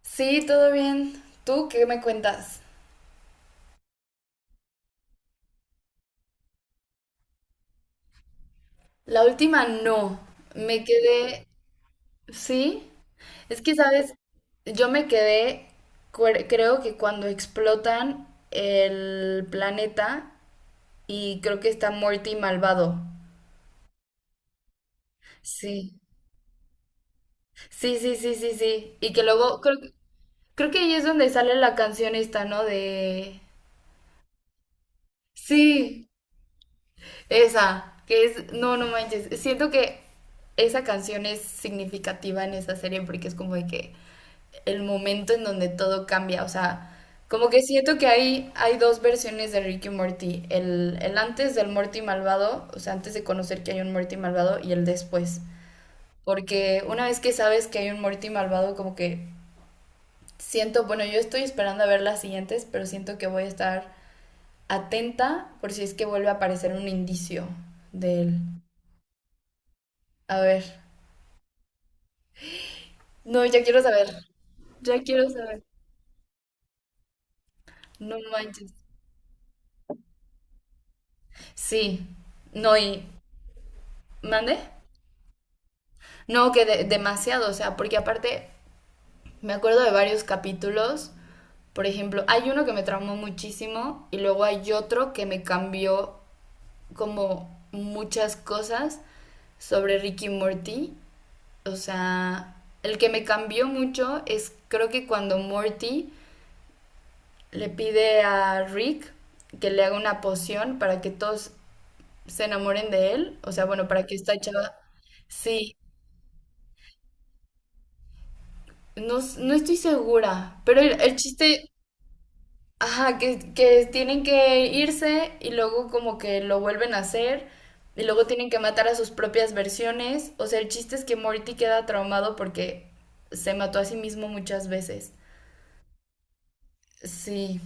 Sí, todo bien. ¿Tú qué me cuentas? La última no. Me quedé... Sí. Es que, ¿sabes? Yo me quedé, creo que cuando explotan el planeta y creo que está Morty malvado. Sí. Sí, sí, sí, sí, sí. Y que luego, creo, creo que ahí es donde sale la canción esta, ¿no? De... Sí. Esa, que es, no, no manches, siento que esa canción es significativa en esa serie porque es como de que el momento en donde todo cambia, o sea, como que siento que hay dos versiones de Rick y Morty, el antes del Morty malvado, o sea, antes de conocer que hay un Morty malvado y el después, porque una vez que sabes que hay un Morty malvado, como que siento, bueno, yo estoy esperando a ver las siguientes, pero siento que voy a estar atenta por si es que vuelve a aparecer un indicio de él. A ver. No, ya quiero saber. Ya quiero saber. No manches. Sí. No, y... ¿Mande? No, que demasiado, o sea, porque aparte me acuerdo de varios capítulos. Por ejemplo, hay uno que me traumó muchísimo y luego hay otro que me cambió como muchas cosas sobre Ricky Morty. O sea, el que me cambió mucho es creo que cuando Morty le pide a Rick que le haga una poción para que todos se enamoren de él. O sea, bueno, para que esta chava. Sí, no, no estoy segura. Pero el chiste, ajá, que tienen que irse y luego como que lo vuelven a hacer. Y luego tienen que matar a sus propias versiones. O sea, el chiste es que Morty queda traumado porque se mató a sí mismo muchas veces. Sí,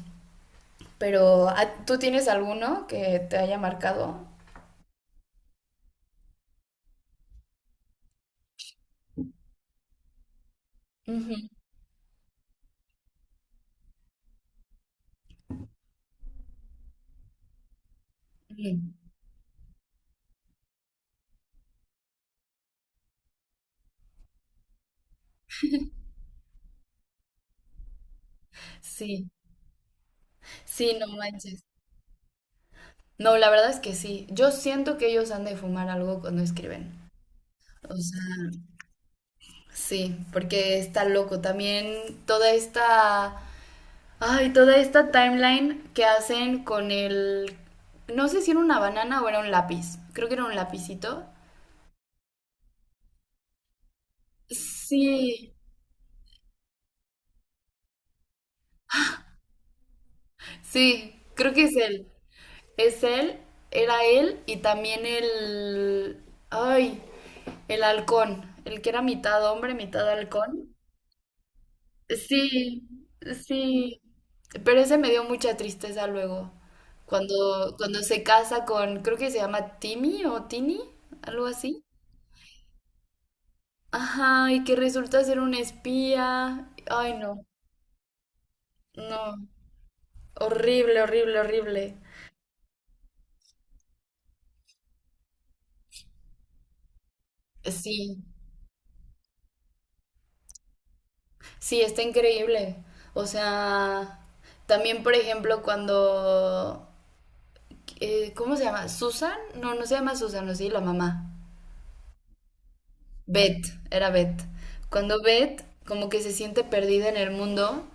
pero ¿tú tienes alguno que te haya marcado? Ujú, ujú. Sí, sí, no manches. No, la verdad es que sí. Yo siento que ellos han de fumar algo cuando escriben. O sea, sí, porque está loco. También toda esta, ay, toda esta timeline que hacen con el, no sé si era una banana o era un lápiz. Creo que era un lapicito. Sí, sí, creo que es él. Es él, era él y también el, ay, el halcón, el que era mitad hombre, mitad halcón. Sí, sí, pero ese me dio mucha tristeza luego, cuando, cuando se casa con, creo que se llama Timmy o Tini, algo así. Ajá, y que resulta ser un espía. Ay, no, no, horrible, horrible, horrible. Sí, sí, está increíble. O sea, también, por ejemplo, cuando, ¿cómo se llama? ¿Susan? No, no se llama Susan, ¿o sí? La mamá. Beth, era Beth. Cuando Beth como que se siente perdida en el mundo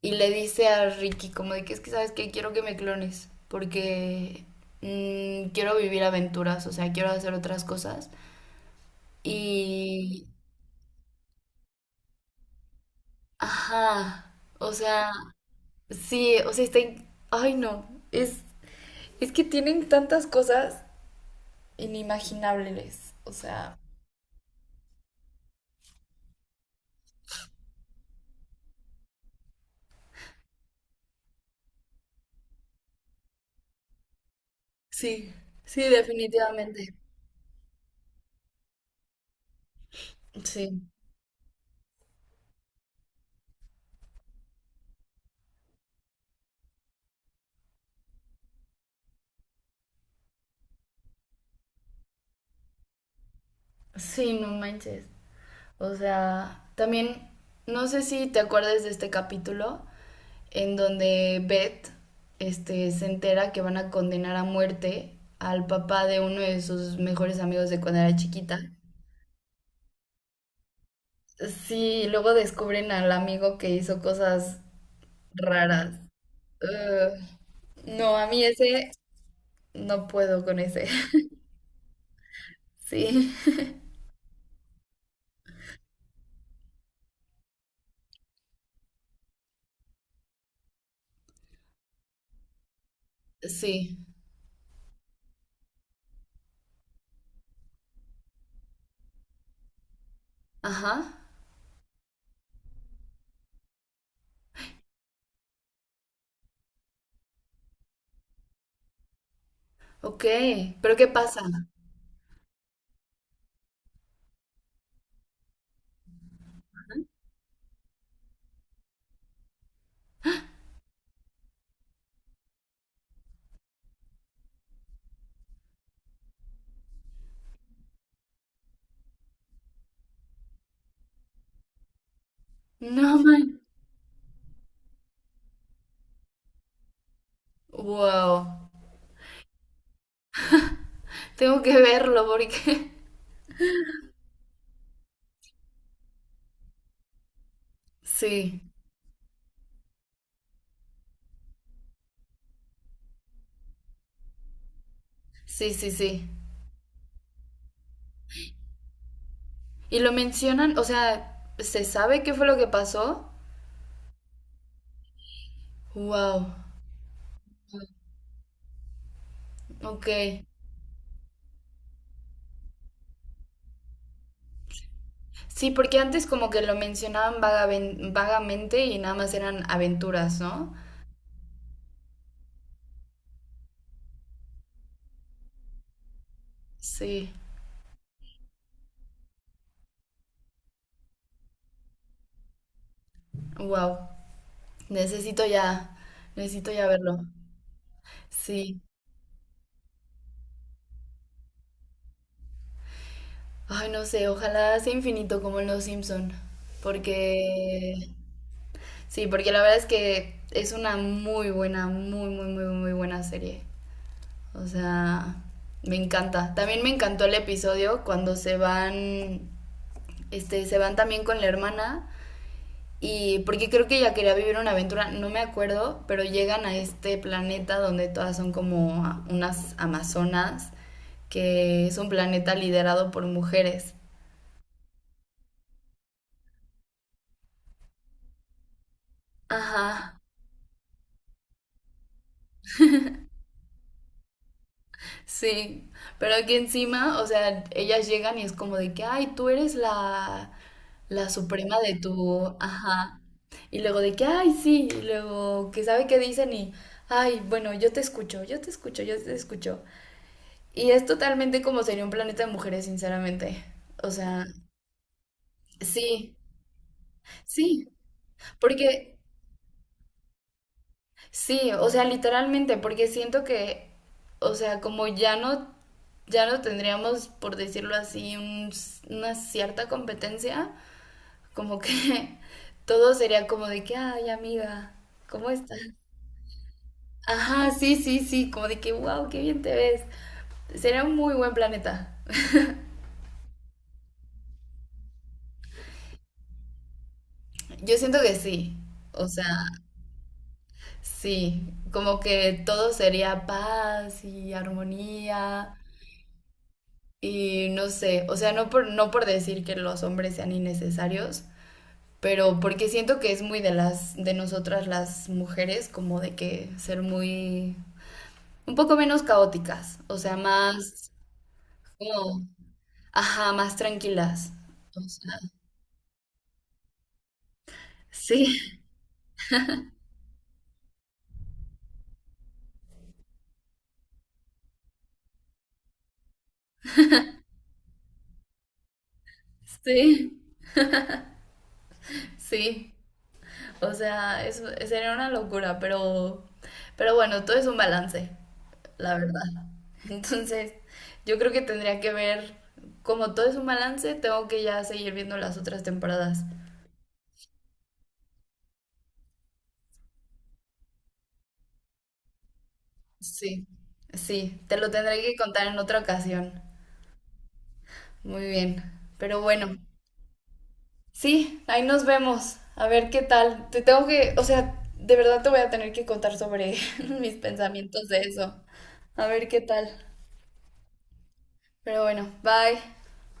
y le dice a Ricky como de que es que sabes que quiero que me clones porque quiero vivir aventuras, o sea, quiero hacer otras cosas. Y... Ajá, o sea, sí, o sea, está... Ay, no, es, es que tienen tantas cosas inimaginables, o sea... Sí, sí, definitivamente. Sí, sí, no manches. O sea, también no sé si te acuerdas de este capítulo en donde Beth este, se entera que van a condenar a muerte al papá de uno de sus mejores amigos de cuando era chiquita. Sí, luego descubren al amigo que hizo cosas raras. Ugh. No, a mí ese no puedo con ese. Sí, sí. Ajá. Ok. ¿Pero qué pasa? No, man. Wow. Tengo que verlo porque Sí, sí, sí, sí. Y lo mencionan, o sea, ¿se sabe qué fue lo que pasó? Wow, ok. Sí, porque antes como que lo mencionaban vagamente y nada más eran aventuras, ¿no? Sí, wow. Necesito ya, necesito ya verlo. Sí. Ay, no sé, ojalá sea infinito como en Los Simpson, porque sí, porque la verdad es que es una muy buena, muy, muy, muy, muy buena serie. O sea, me encanta. También me encantó el episodio cuando se van, este, se van también con la hermana. Y porque creo que ella quería vivir una aventura, no me acuerdo, pero llegan a este planeta donde todas son como unas amazonas, que es un planeta liderado por mujeres. Ajá. Sí, pero aquí encima, o sea, ellas llegan y es como de que, ay, tú eres la, la suprema de tu, ajá. Y luego de que, ay, sí, y luego que sabe qué dicen y, ay, bueno, yo te escucho, yo te escucho, yo te escucho. Y es totalmente como sería un planeta de mujeres, sinceramente. O sea, sí, sí, porque sí, o sea, literalmente, porque siento que, o sea, como ya no, ya no tendríamos, por decirlo así, una cierta competencia, como que todo sería como de que, ay, amiga, ¿cómo estás? Ajá, sí, sí, sí, como de que, wow, qué bien te ves. Sería un muy buen planeta. Yo siento que sí, o sea, sí, como que todo sería paz y armonía. Y no sé, o sea, no por, no por decir que los hombres sean innecesarios, pero porque siento que es muy de las, de nosotras las mujeres, como de que ser muy, un poco menos caóticas, o sea, más, como, ajá, más tranquilas. O sea, sí, sí, sí. O sea, es, sería una locura, pero bueno, todo es un balance. La verdad. Entonces, yo creo que tendría que ver, como todo es un balance, tengo que ya seguir viendo las otras temporadas. Sí. Sí, te lo tendré que contar en otra ocasión. Muy bien. Pero bueno, sí, ahí nos vemos. A ver qué tal. Te tengo que, o sea, de verdad te voy a tener que contar sobre mis pensamientos de eso. A ver qué tal. Pero bueno, bye.